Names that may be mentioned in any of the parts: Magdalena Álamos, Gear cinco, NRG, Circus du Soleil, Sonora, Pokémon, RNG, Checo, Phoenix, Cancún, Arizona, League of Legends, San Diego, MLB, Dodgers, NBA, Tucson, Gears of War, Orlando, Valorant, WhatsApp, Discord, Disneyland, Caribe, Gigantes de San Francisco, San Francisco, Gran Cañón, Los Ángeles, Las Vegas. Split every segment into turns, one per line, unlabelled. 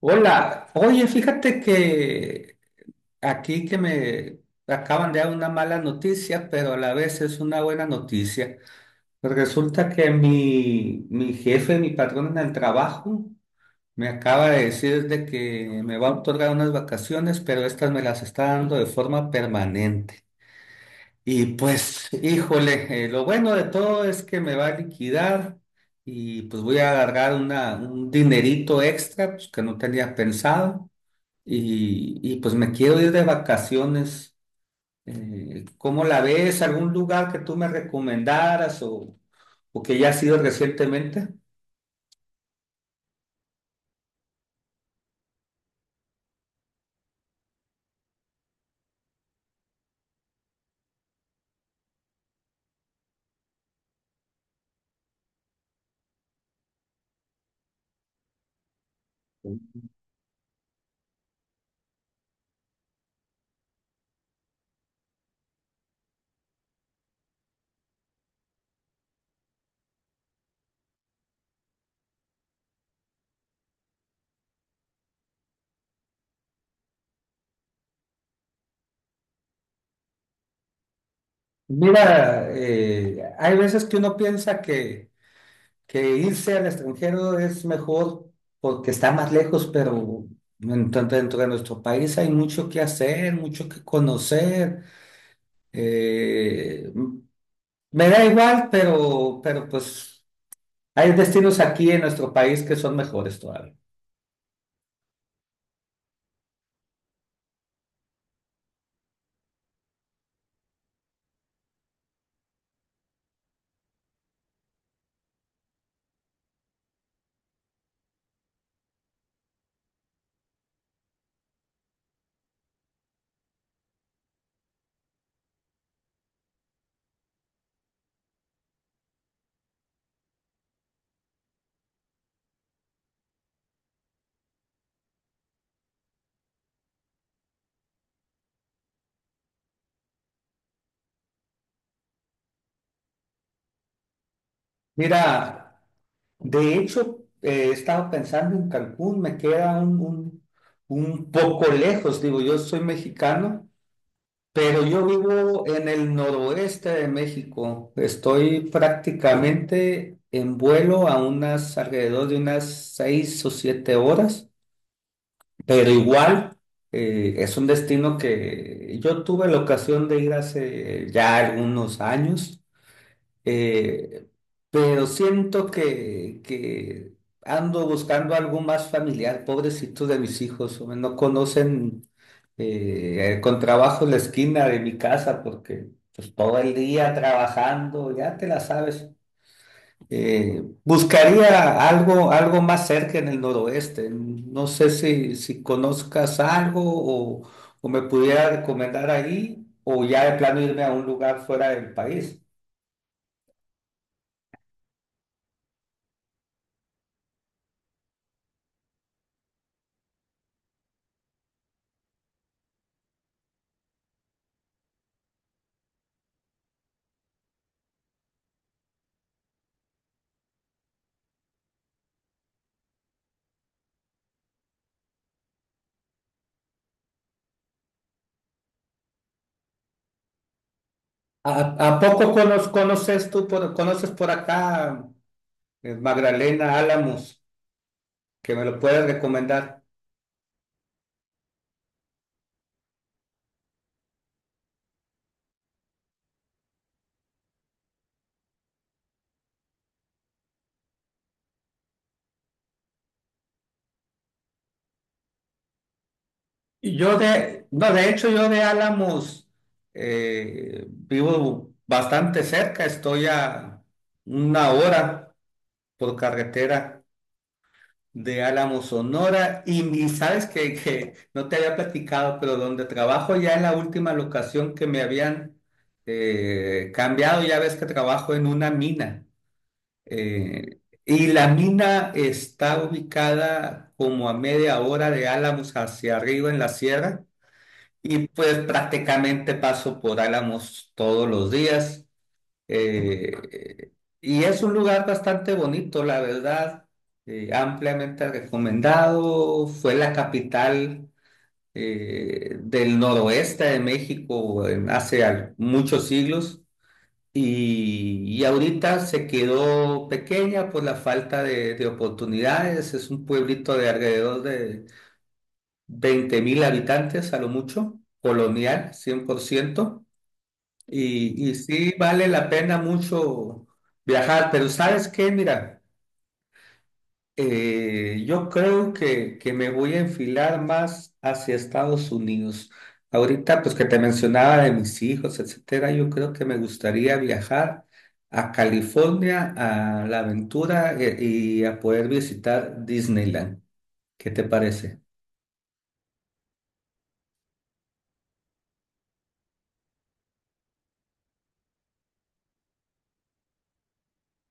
Hola, oye, fíjate que aquí que me acaban de dar una mala noticia, pero a la vez es una buena noticia. Resulta que mi jefe, mi patrón en el trabajo, me acaba de decir de que me va a otorgar unas vacaciones, pero estas me las está dando de forma permanente. Y pues, híjole, lo bueno de todo es que me va a liquidar y pues voy a agarrar un dinerito extra pues, que no tenía pensado pues me quiero ir de vacaciones. ¿cómo la ves? ¿Algún lugar que tú me recomendaras o que ya has ido recientemente? Mira, hay veces que uno piensa que irse al extranjero es mejor porque está más lejos, pero en tanto dentro de nuestro país hay mucho que hacer, mucho que conocer. Eh, me da igual, pero pues hay destinos aquí en nuestro país que son mejores todavía. Mira, de hecho, he estado pensando en Cancún, me queda un poco lejos, digo, yo soy mexicano, pero yo vivo en el noroeste de México, estoy prácticamente en vuelo a unas alrededor de unas 6 o 7 horas, pero igual es un destino que yo tuve la ocasión de ir hace ya algunos años. Eh, pero siento que ando buscando algo más familiar, pobrecitos de mis hijos, hombre, no conocen con trabajo la esquina de mi casa porque pues, todo el día trabajando, ya te la sabes. Buscaría algo más cerca en el noroeste. No sé si conozcas algo o, o me pudiera recomendar ahí o ya de plano irme a un lugar fuera del país. ¿A, a poco conoces tú, conoces por acá Magdalena Álamos, que me lo puedes recomendar? Y Yo de, no, de hecho yo de Álamos vivo bastante cerca, estoy a una hora por carretera de Álamos, Sonora, y sabes que no te había platicado, pero donde trabajo ya en la última locación que me habían cambiado, ya ves que trabajo en una mina. Eh, y la mina está ubicada como a media hora de Álamos hacia arriba en la sierra y pues prácticamente paso por Álamos todos los días. Eh, y es un lugar bastante bonito, la verdad, ampliamente recomendado. Fue la capital del noroeste de México en hace muchos siglos. Y ahorita se quedó pequeña por la falta de oportunidades. Es un pueblito de alrededor de 20.000 habitantes a lo mucho, colonial, 100%. Y sí vale la pena mucho viajar, pero ¿sabes qué? Mira. Yo creo que me voy a enfilar más hacia Estados Unidos. Ahorita, pues que te mencionaba de mis hijos, etcétera, yo creo que me gustaría viajar a California, a la aventura y a poder visitar Disneyland. ¿Qué te parece?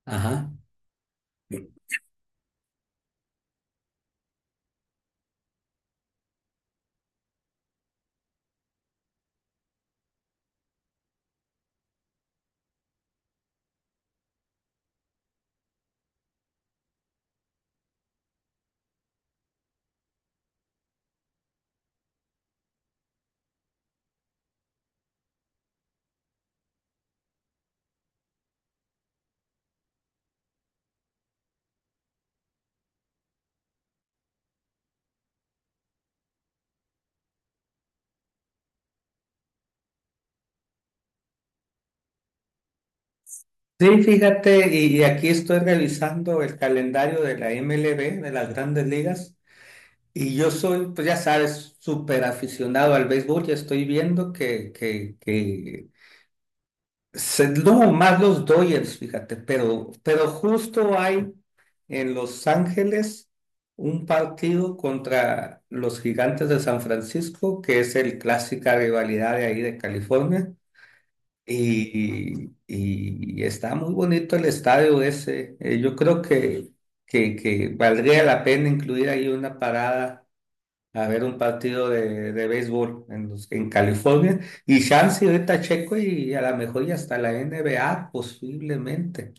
Ajá. Sí, fíjate, y aquí estoy revisando el calendario de la MLB, de las grandes ligas, y yo soy, pues ya sabes, súper aficionado al béisbol, ya estoy viendo que no, más los Dodgers, fíjate, pero justo hay en Los Ángeles un partido contra los Gigantes de San Francisco, que es el clásica rivalidad de ahí de California, y está muy bonito el estadio ese. Yo creo que valdría la pena incluir ahí una parada a ver un partido de béisbol en California y chance ahorita Checo y a lo mejor y hasta la NBA posiblemente.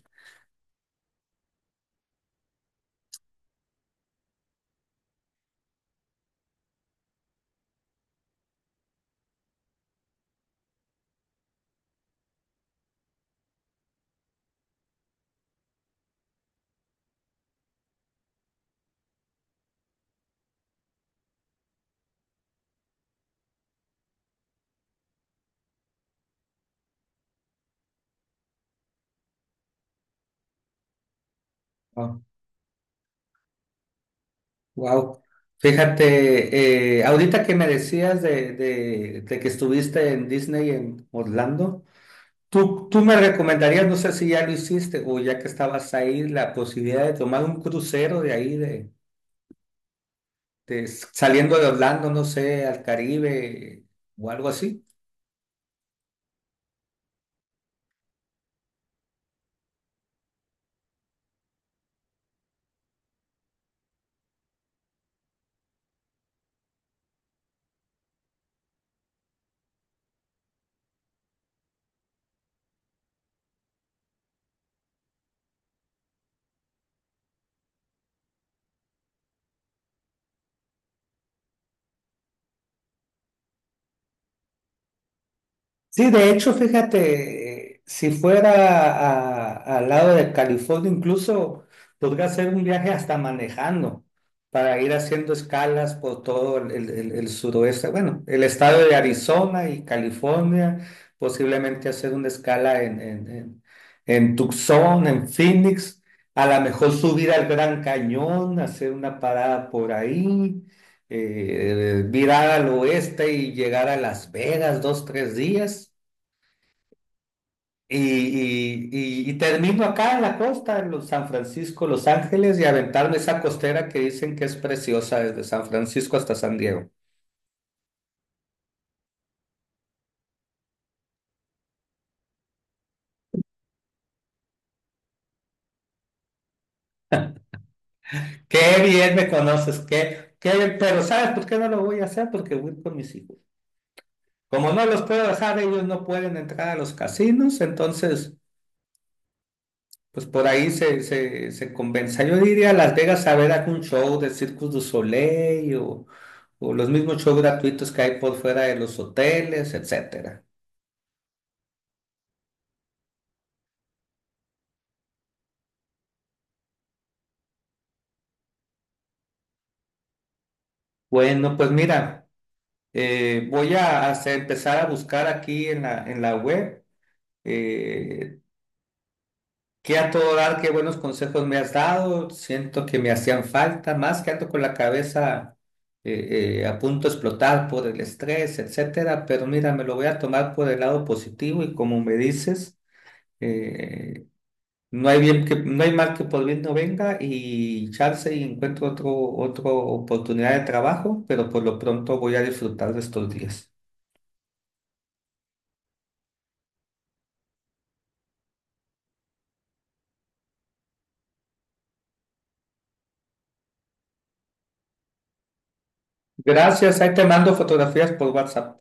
Wow. Fíjate, ahorita que me decías de que estuviste en Disney en Orlando, tú me recomendarías, no sé si ya lo hiciste o ya que estabas ahí, la posibilidad de tomar un crucero de ahí, de, saliendo de Orlando, no sé, al Caribe o algo así? Sí, de hecho, fíjate, si fuera al lado de California, incluso podría hacer un viaje hasta manejando para ir haciendo escalas por todo el suroeste, bueno, el estado de Arizona y California, posiblemente hacer una escala en Tucson, en Phoenix, a lo mejor subir al Gran Cañón, hacer una parada por ahí, virar al oeste y llegar a Las Vegas 2, 3 días. Y termino acá en la costa, en los San Francisco, Los Ángeles, y aventarme esa costera que dicen que es preciosa desde San Francisco hasta San Diego. Qué bien me conoces, qué bien, pero ¿sabes por qué no lo voy a hacer? Porque voy con mis hijos. Como no los puedo dejar, ellos no pueden entrar a los casinos, entonces, pues por ahí se compensa. Yo iría a Las Vegas a ver algún show de Circus du Soleil o los mismos shows gratuitos que hay por fuera de los hoteles, etcétera. Bueno, pues mira, voy a empezar a buscar aquí en en la web eh, qué a todo dar, qué buenos consejos me has dado. Siento que me hacían falta, más que ando con la cabeza a punto de explotar por el estrés, etcétera. Pero mira, me lo voy a tomar por el lado positivo y como me dices, eh, no hay mal que por bien no venga y chance y encuentro otra oportunidad de trabajo, pero por lo pronto voy a disfrutar de estos días. Gracias, ahí te mando fotografías por WhatsApp.